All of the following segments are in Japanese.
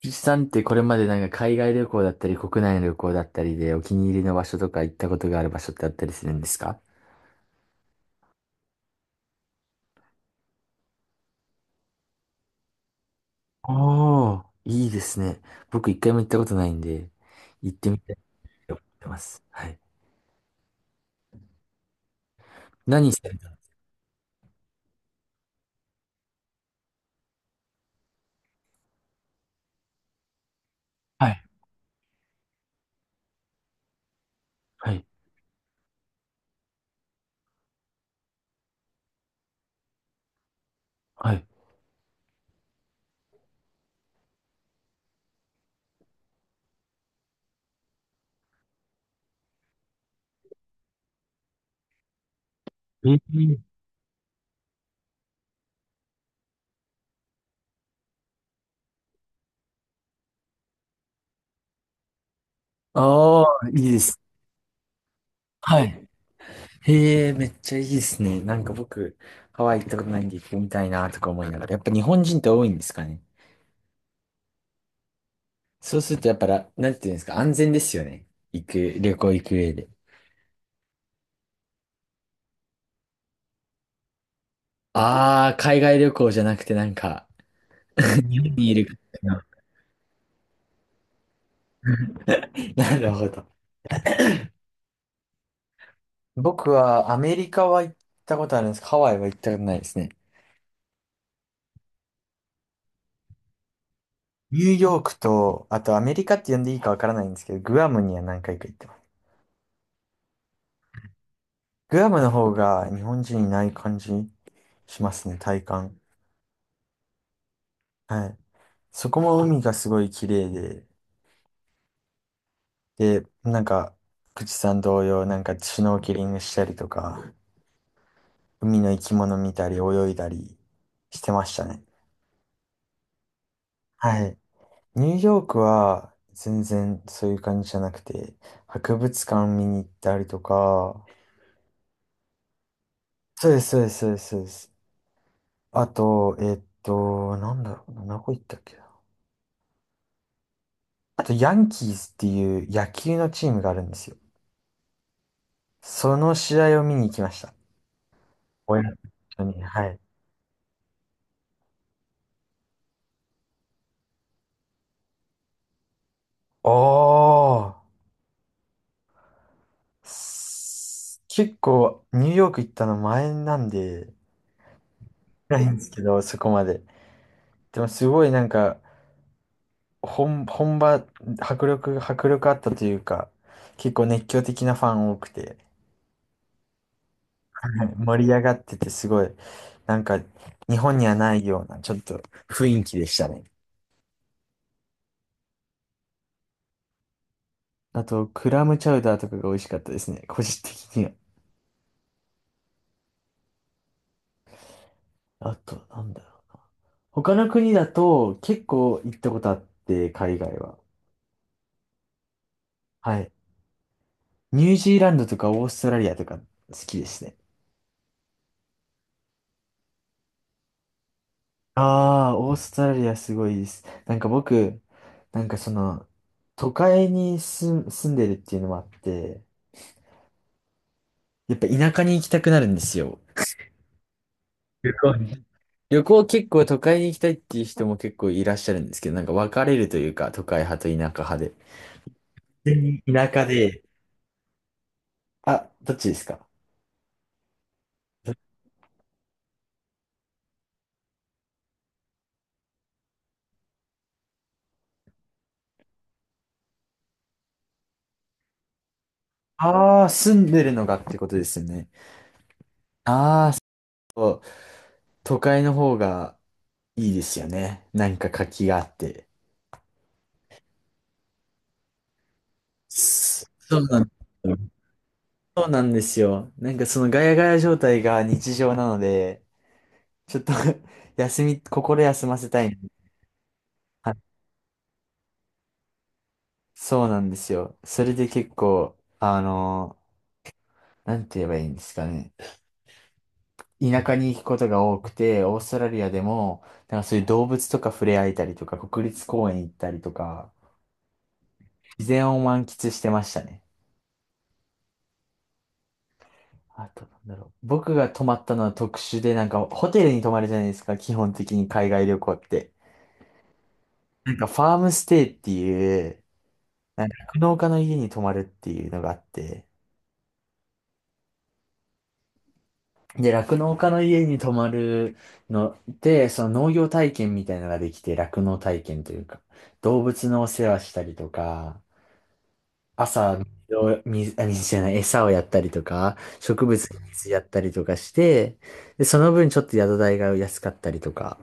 ピチさんってこれまで海外旅行だったり国内の旅行だったりでお気に入りの場所とか行ったことがある場所ってあったりするんですか？ああ、いいですね。僕一回も行ったことないんで、行ってみたいと思ってます。はい。何されたんですか？はい、はい、はい。えー、ああ、いいです。はい。へえ、めっちゃいいですね。僕、ハワイ行ったことないんで行ってみたいなとか思いながら。やっぱ日本人って多いんですかね。そうするとやっぱら、なんていうんですか、安全ですよね。旅行行く上で。ああ、海外旅行じゃなくて日本にいる感じ な。なるほど。僕はアメリカは行ったことあるんですけど、ハワイは行ったことないですね。ニューヨークと、あとアメリカって呼んでいいかわからないんですけど、グアムには何回か行ってます。グアムの方が日本人いない感じしますね、体感。はい。そこも海がすごい綺麗で、で、口さん同様、シュノーケリングしたりとか、海の生き物見たり泳いだりしてましたね。はい。ニューヨークは全然そういう感じじゃなくて、博物館見に行ったりとか、そうです、そうです、そうです、そうです。あと、なんだろうな、どこ行ったっけな。あと、ヤンキースっていう野球のチームがあるんですよ。その試合を見に行きました。親と一緒に、はい。おー、結構、ニューヨーク行ったの前なんで、ないんですけど、そこまで。でもすごい本場、迫力あったというか、結構熱狂的なファン多くて、はい、盛り上がっててすごい、なんか日本にはないようなちょっと雰囲気でしたね。あと、クラムチャウダーとかが美味しかったですね、個人的には。あと、なんだろう。他の国だと結構行ったことあって、海外は。はい。ニュージーランドとかオーストラリアとか好きですね。ああ、オーストラリアすごいです。僕、なんかその、都会に住、住んでるっていうのもあって、やっぱ田舎に行きたくなるんですよ。旅行に。旅行結構都会に行きたいっていう人も結構いらっしゃるんですけど、なんか分かれるというか、都会派と田舎派で。全然田舎で、あ、どっちですか？どああー、住んでるのがってことですよね。ああ、そう。都会の方がいいですよね。なんか活気があって。そうなんですよ。そうなんですよ。そのガヤガヤ状態が日常なので、ちょっと 心休ませたい。はい、そうなんですよ。それで結構、なんて言えばいいんですかね。田舎に行くことが多くて、オーストラリアでも、なんかそういう動物とか触れ合えたりとか、国立公園行ったりとか、自然を満喫してましたね。あと、なんだろう。僕が泊まったのは特殊で、なんかホテルに泊まるじゃないですか、基本的に海外旅行って。なんかファームステイっていう、なんか酪農家の家に泊まるっていうのがあって、で、酪農家の家に泊まるので、その農業体験みたいなのができて、酪農体験というか、動物のお世話したりとか、朝、水を、水、あ、水じゃない、餌をやったりとか、植物に水やったりとかして、で、その分ちょっと宿代が安かったりとか、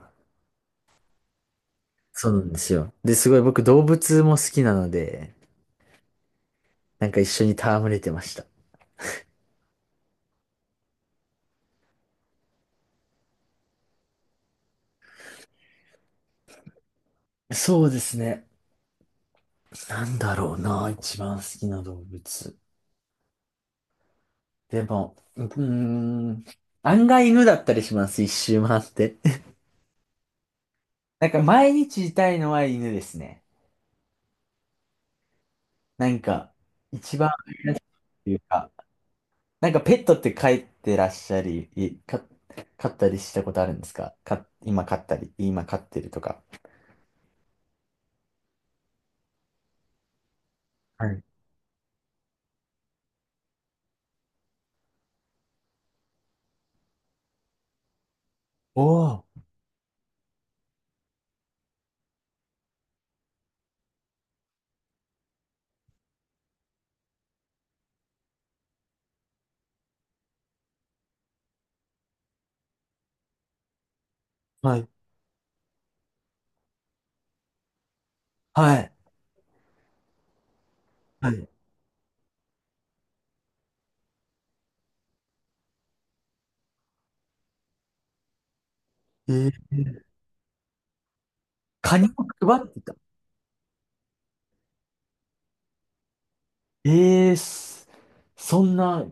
そうなんですよ。で、すごい僕動物も好きなので、なんか一緒に戯れてました。そうですね。なんだろうな、一番好きな動物。でも、ん、案外犬だったりします、一周回って。なんか毎日いたいのは犬ですね。なんか、一番愛らしいというか、なんかペットって飼ってらっしゃり、いか、飼ったりしたことあるんですか？今飼ったり、今飼ってるとか。はい。おー、はい。はい。はい。えー、カニを配ってた。ええそそんな、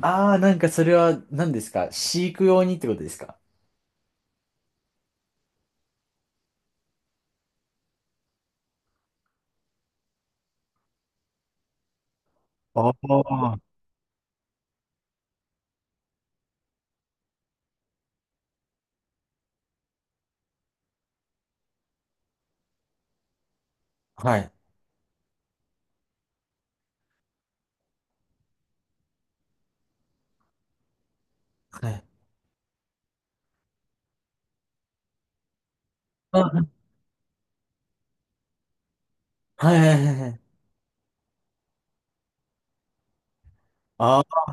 ああ、なんかそれは何ですか？飼育用にってことですか？ああー、はい。はい。あ、はいはいはいはい。ああ、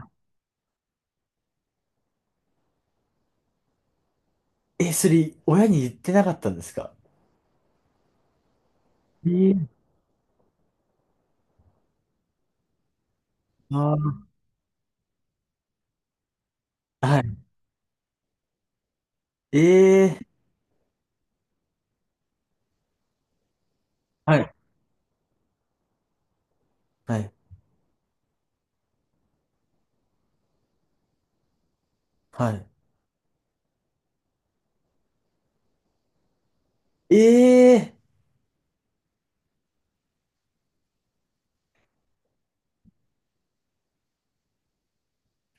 え、それ、親に言ってなかったんですか？えー、あー、はい。ええ、はい。はい。はい。ええ、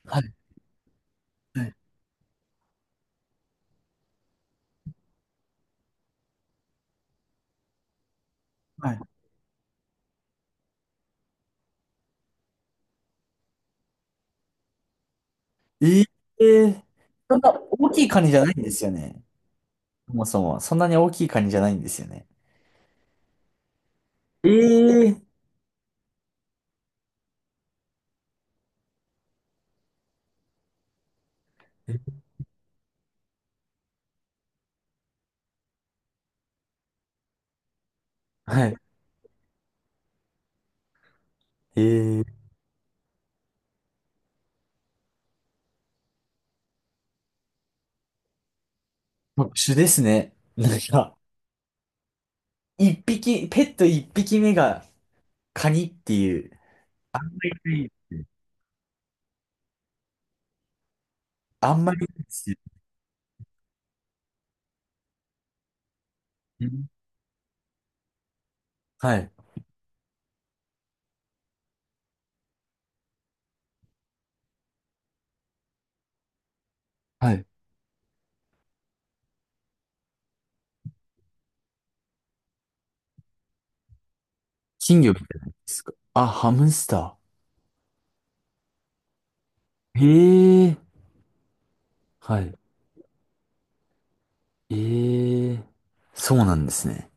はい。はいはい。ええ、そんな大きいカニじゃないんですよね。そもそも。そんなに大きいカニじゃないんですよね。ええ、はい。ええ、特殊ですね。なんか、一匹、ペット一匹目がカニっていう、あんまりないですね。あんまりないですよね。はい。はい。金魚みたいなんですか。あ、ハムスター。へえ。はい。ええ。そうなんですね。